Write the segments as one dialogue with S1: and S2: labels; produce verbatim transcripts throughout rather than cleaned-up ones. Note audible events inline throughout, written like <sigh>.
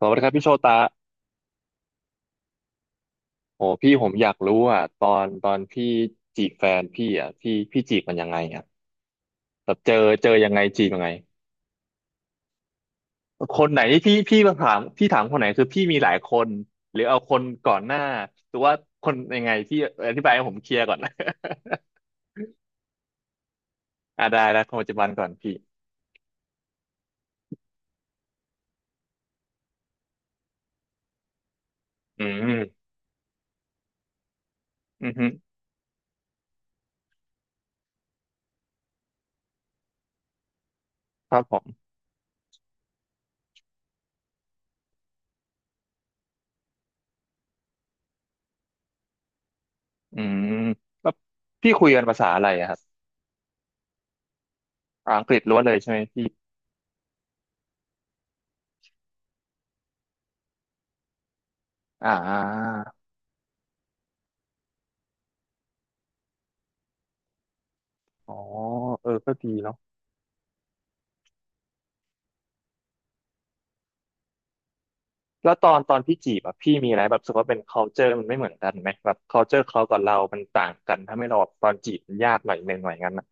S1: สวัสดีครับพี่โชตะโอ้พี่ผมอยากรู้อ่ะตอนตอนพี่จีบแฟนพี่อ่ะพี่พี่จีบมันยังไงอ่ะแบบเจอเจอยังไงจีบยังไง คนไหนที่พี่พี่มาถามพี่ถามคนไหนคือพี่มีหลายคนหรือเอาคนก่อนหน้าหรือว่าคนยังไงพี่อธิบายให้ผมเคลียร์ก่อน <laughs> อ่าได้แล้วคนปัจจุบันก่อนพี่อืมอืมฮึครับผมอืมแล้วพี่คุยกันภาษาอะไรอะครับอังกฤษล้วนเลยใช่ไหมพี่อ่าอ๋อเออก็ดีเนาะ แล้วตอนตอนพี่จีบอะพี่มีอะไรแบบรู้สึกว่าเป็น culture มันไม่เหมือนกันไหมแบบ culture เขากับเรามันต่างกันถ้าไม่เราแบบตอนจีบมันยากหน่อยหนึ่งหน่อยงั้นนะ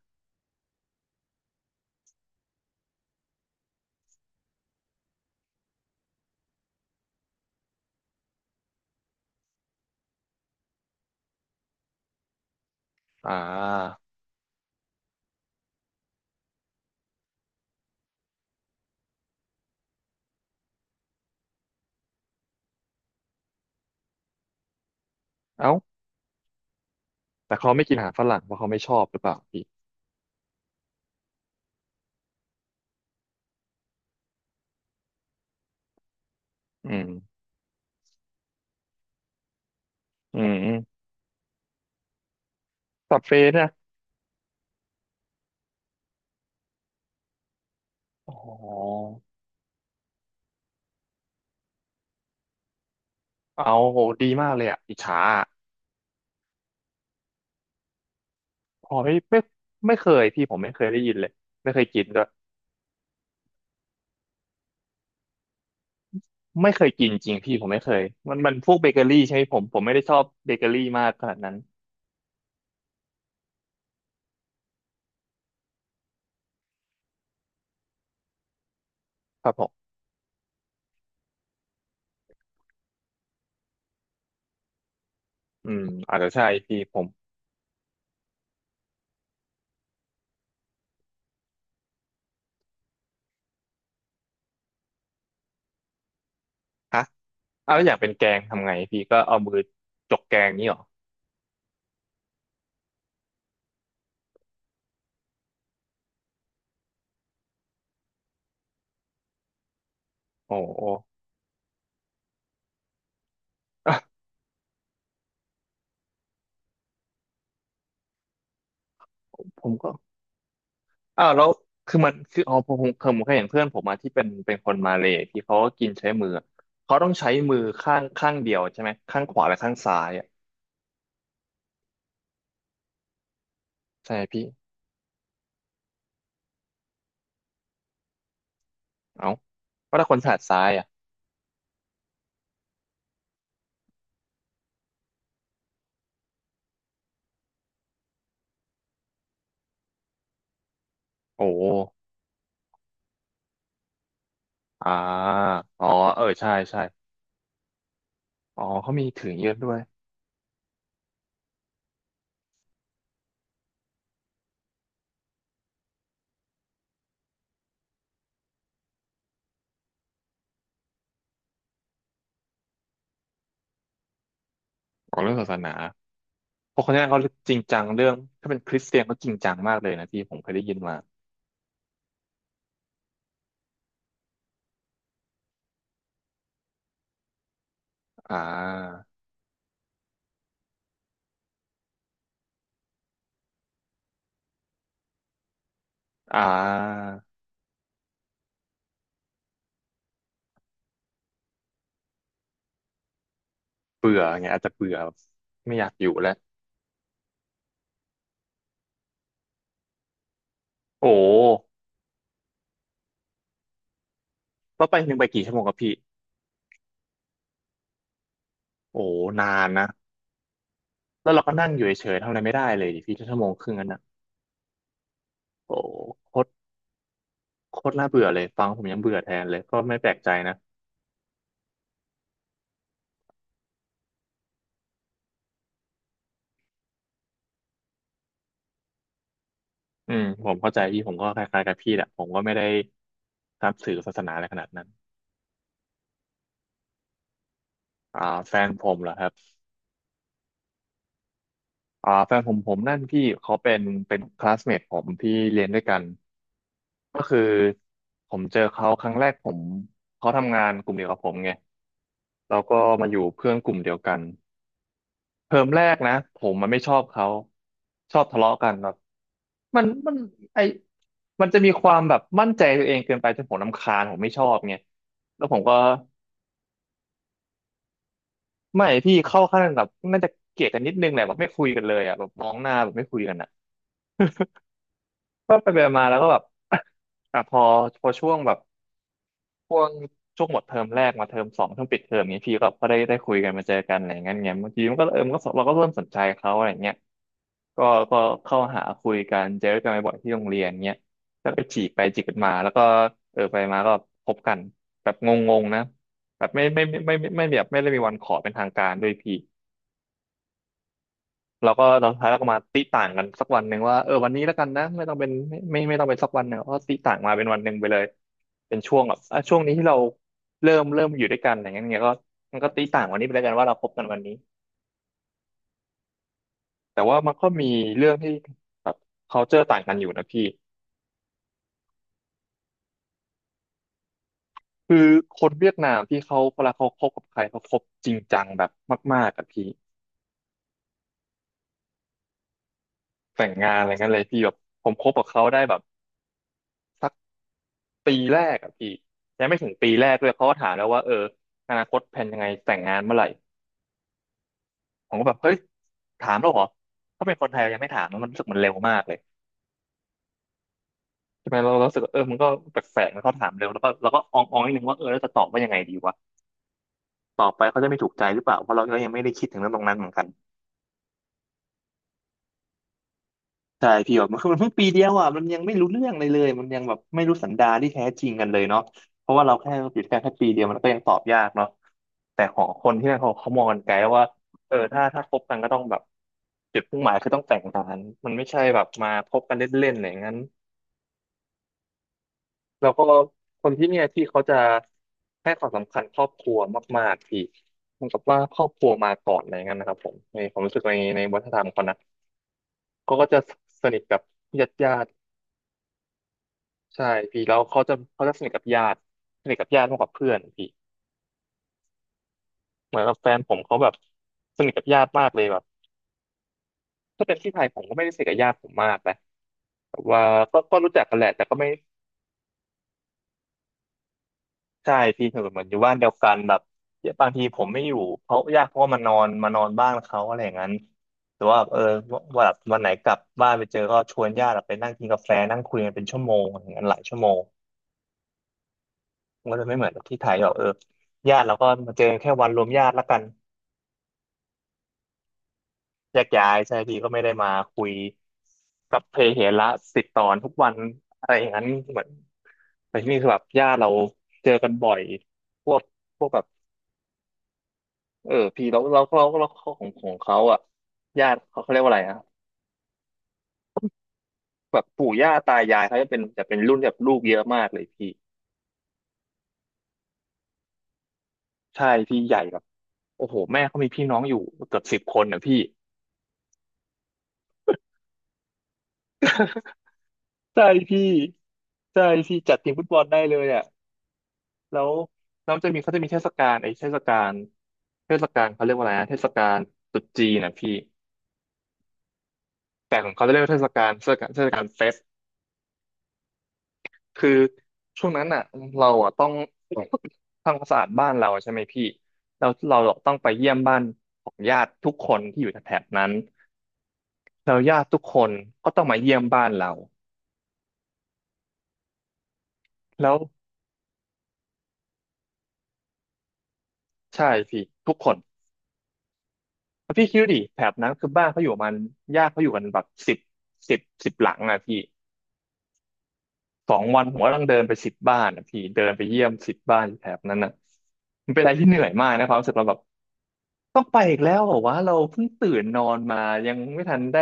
S1: อ่าเอ้าแต่เขาไม่กินอาหารฝรั่งเพราะเขาไม่ชอบหรือเปล่าพี่อืมอืมสับเฟสนะอ๋อเอาโหดีมากเลยอะอิจฉาอะพอไม่ไม่ไม่เคยพี่ผมไม่เคยได้ยินเลยไม่เคยกินด้วยไม่เคยกินจริงพี่ผมไม่เคยมันมันพวกเบเกอรี่ใช่ไหมผมผมไม่ได้ชอบเบเกอรี่มากขนาดนั้นครับผมอืมอาจจะใช่พี่ผมฮะ อ้าวแล้วอยากเป็นแกงทำไงพี่ก็เอามือจกแกงนี่หรอโอ้โห <laughs> ผมก็อ้าวแล้วคือมันคืออ๋อผมผมผมเคยเห็นเพื่อนผมมาที่เป็นเป็นคนมาเลย์ที่เขาก็กินใช้มืออะเขาต้องใช้มือข้างข้างเดียวใช่ไหมข้างขวาและข้างซ้ายอ่ะใช่ไหมพี่เอ้าว่าถ้าคนถนัดซ้ายอ่ะโอ้อ่าอ๋อเออใช่ใช่อ๋อเขามีถือเยอะด้วยอ๋อเรื่องศาสนาเพราะคนนั้นเขาจริงจังเรื่องถ้าเป็นคริสเตียนเขาจริงจังมากเลยนะพี่ผมเคยได้ยินมาอ่าอ่า เบื่อไงอาจจะเบื่อไม่อยากอยู่แล้วโอ้ว่าไปหนึ่งไปกี่ชั่วโมงกับพี่โอ้นานนะแล้วเราก็นั่งอยู่เฉยๆทำอะไรไม่ได้เลยดิพี่ชั่วโมงครึ่งนั้นนะโอ้โคตรโคตรน่าเบื่อเลยฟังผมยังเบื่อแทนเลยก็ไม่แปลกใจนะอืมผมเข้าใจพี่ผมก็คล้ายๆกับพี่แหละผมก็ไม่ได้นับถือศาสนาอะไรขนาดนั้นอ่าแฟนผมเหรอครับอ่าแฟนผมผมนั่นพี่เขาเป็นเป็นคลาสเมทผมที่เรียนด้วยกันก็คือผมเจอเขาครั้งแรกผมเขาทำงานกลุ่มเดียวกับผมไง แล้วก็มาอยู่เพื่อนกลุ่มเดียวกันเทอมแรกนะผมมันไม่ชอบเขาชอบทะเลาะกันแบบมันมันไอมันจะมีความแบบมั่นใจตัวเองเกินไปจนผมรำคาญผมไม่ชอบไงแล้วผมก็ไม่พี่เข้าขั้นแบบน่าจะเกลียดกันนิดนึงแหละแบบไม่คุยกันเลยอ่ะแบบมองหน้าแบบไม่คุยกันอ่ะก็ไปไปมาแล้วก็แบบ <coughs> <laughs> อ่ะพอพอช่วงแบบช่วงช่วงหมดเทอมแรกมาเทอมสองช่วงปิดเทอมนี้พี่ก็ก็ได้ได้คุยกันมาเจอกันอะไรอย่างเงี้ยบางทีมันก็เออมันก็เราก็เริ่มสนใจเขาอะไรอย่างเงี้ย ก็ก็เข้าหาคุยกันเจอกันบ่อยๆที่โรงเรียนเงี้ยแล้วก็จีบไปจีบกันมาแล้วก็เออไปมาก็พบกันแบบงงๆนะแบบไม่ไม่ไม่ไม่ไม่ไม่ไม่แบบไม่ได้มีวันขอเป็นทางการด้วยพี่เราก็เราดท้ายเราก็มาติต่างกันสักวันหนึ่งว่าเออวันนี้แล้วกันนะไม่ต้องเป็นไม่ไม่ไม่ต้องเป็นสักวันหนึ่งก็ติต่างมาเป็นวันหนึ่งไปเลยเป็นช่วงแบบอ่ะช่วงนี้ที่เราเริ่มเริ่มอยู่ด้วยกันอะไรเงี้ยเงี้ยก็มันก็ติต่างวันนี้ไปแล้วกันว่าเราพบกันวันนี้แต่ว่ามันก็มีเรื่องที่แบบ culture ต่างกันอยู่นะพี่ คือคนเวียดนามที่เขาเวลาเขาคบกับใครเขาคบจริงจังแบบมากๆกับพี่แต่งงานอะไรเงี้ยเลยพี่แบบผมคบกับเขาได้แบบสักปีแรกอะพี่ยังไม่ถึงปีแรกเลยเขาก็ถามแล้วว่าเอออนาคตแผนยังไงแต่งงานเมื่อไหร่ผมก็แบบเฮ้ยถามแล้วเหรอถ้าเป็นคนไทยยังไม่ถามนะมันรู้สึกมันเร็วมากเลยใช่ไหมเราเรารู้สึกว่าเออมันก็แปลกๆนะเขาถามเร็วแล้วก็เราก็อองๆนิดนึงว่าเออแล้วจะตอบว่ายังไงดีวะตอบไปเขาจะไม่ถูกใจหรือเปล่าเพราะเราก็ยังไม่ได้คิดถึงเรื่องตรงนั้นเหมือนกัน ใช่พี่ <laughs> แบบมันคือมันเพิ่งปีเดียวอ่ะมันยังไม่รู้เรื่องเลยเลยมันยังแบบไม่รู้สันดานที่แท้จริงกันเลยเนาะเพราะว่าเราแค่ติดแค่แค่ปีเดียวมันก็ยังตอบยากเนาะแต่ของคนที่นั่นเขาเขามองกันไกลว่าเออถ้าถ้าคบกันก็ต้องแบบจุดมุ่งหมายคือต้องแต่งงานมันไม่ใช่แบบมาคบกันเล่นๆอะไรอย่างนั้นแล้วก็คนที่เนี่ยที่เขาจะให้ความสำคัญครอบครัวมากๆพี่เหมือนกับว่าครอบครัวมาก่อนอะไรอย่างนั้นนะครับผมในความรู้สึกในในวัฒนธรรมเขานะก็ก็จะสนิทกับญาติๆ ใช่พี่แล้วเขาจะเขาจะสนิทกับญาติสนิทกับญาติมากกว่าเพื่อนพี่เหมือนกับแฟนผมเขาแบบสนิทกับญาติมากเลยแบบถ้าเป็นที่ไทยผมก็ไม่ได้สนิทกับญาติผมมากนะแบบว่าก็ก็รู้จักกันแหละแต่ก็ไม่ใช่พี่เหมือนเหมือนอยู่บ้านเดียวกันแบบบางทีผมไม่อยู่เพราะญาติเขาก็มานอนมานอนบ้านเขาอะไรอย่างนั้นหรือว่าเออวันวันไหนกลับบ้านไปเจอก็ชวนญาติไปนั่งกินกาแฟนั่งคุยกันเป็นชั่วโมงอย่างนั้นหลายชั่วโมงมันก็จะไม่เหมือนกับที่ไทยแบบเออญาติเราก็มาเจอแค่วันรวมญาติละกัน แยกย้ายใช่พี่ก็ไม่ได้มาคุยกับเพเหระสิบตอนทุกวันอะไรอย่างนั้นเหมือนแต่ที่นี่คือแบบญาติเราเจอกันบ่อยพวกพวกแบบเออพี่เราเราเราเราของของเขาอ่ะญาติเขาเขาเรียกว่าอะไรอ่ะแบบปู่ย่าตายายเขาจะเป็นจะเป็นรุ่นแบบลูกเยอะมากเลยพี่ใช่พี่ใหญ่แบบโอ้โหแม่เขามีพี่น้องอยู่เกือบสิบคนนะพี่ <laughs> ใช่พี่ใช่พี่จัดทีมฟุตบอลได้เลยอ่ะ แล้วแล้วจะมีเขาจะมีเทศกาลไอ้เทศกาลเทศกาลเขาเรียกว่าอะไรนะเทศกาลตรุษจีนนะพี่แต่ของเขาจะเรียกว่าเทศกาลเทศกาลเทศกาลเฟสคือช่วงนั้นอ่ะเราอ่ะต้องทำความสะอาดบ้านเราใช่ไหมพี่เราเราต้องไปเยี่ยมบ้านของญาติทุกคนที่อยู่แถบนั้นแล้วญาติทุกคนก็ต้องมาเยี่ยมบ้านเราแล้วใช่พี่ทุกคนแล้วพี่คิดดูดิแถบนั้นคือบ้านเขาอยู่ประมันญาติเขาอยู่กันแบบสิบสิบสิบหลังอ่ะพี่ สองวันผมก็ต้องเดินไปสิบบ้านนะพี่เดินไปเยี่ยมสิบบ้านแถบนั้นนะมันเป็นอะไรที่เหนื่อยมากนะความรู้สึกเราแบบต้องไปอีกแล้วเหรอวะเราเพิ่งตื่นนอนมายังไม่ทันได้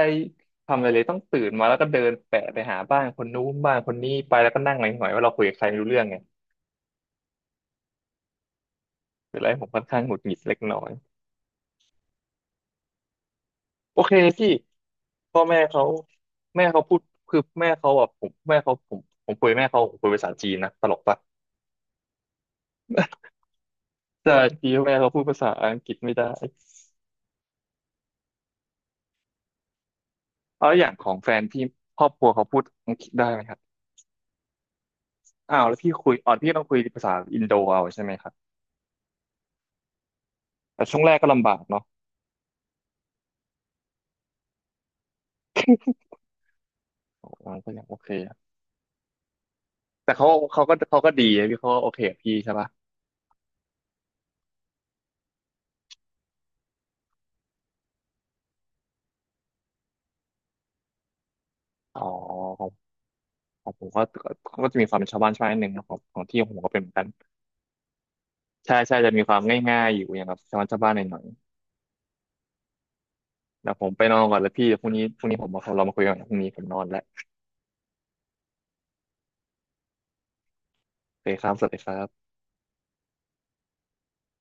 S1: ทำอะไรเลยต้องตื่นมาแล้วก็เดินแปะไปหาบ้านคนนู้นบ้านคนนี้ไปแล้วก็นั่งหงอยๆว่าเราคุยกับใครไม่รู้เรื่องไงเป็นอะไรผมค่อนข้างหงุดหงิดเล็กน้อยโอเคพี่พ่อแม่เขาแม่เขาพูดคือแม่เขาแบบผมแม่เขาผมผมคุยแม่เขาผมคุยภาษาจีนนะตลกปะแต่จีนแม่เขาพูดภาษาอังกฤษไม่ได้ แล้วอย่างของแฟนพี่ครอบครัวเขาพูดอังกฤษได้ไหมครับอ้าวแล้วพี่คุยอ๋อพี่ต้องคุยภาษาอินโดเอาใช่ไหมครับแต่ช่วงแรกก็ลำบากเนาะโอ้ก็ยังโอเคอะแต่เขาเขาก็เขาก็ดีนะพี่เขาก็โอเคกับพี่ใช่ปะอ๋อของของผมก็ก็จะมีความเป็นชาวบ้านชาวบ้านนิดนึงนะของของที่ของผมก็เป็นเหมือนกันใช่ใช่จะมีความง่ายๆอยู่อย่างแบบชาวบ้านชาวบ้านหน่อยๆเดี๋ยวผมไปนอนก่อนแล้วพี่พรุ่งนี้พรุ่งนี้ผมมาเรามาคุยกันพรุ่งนี้ผมนอนแล้วโอเคครับสวัสดีครับ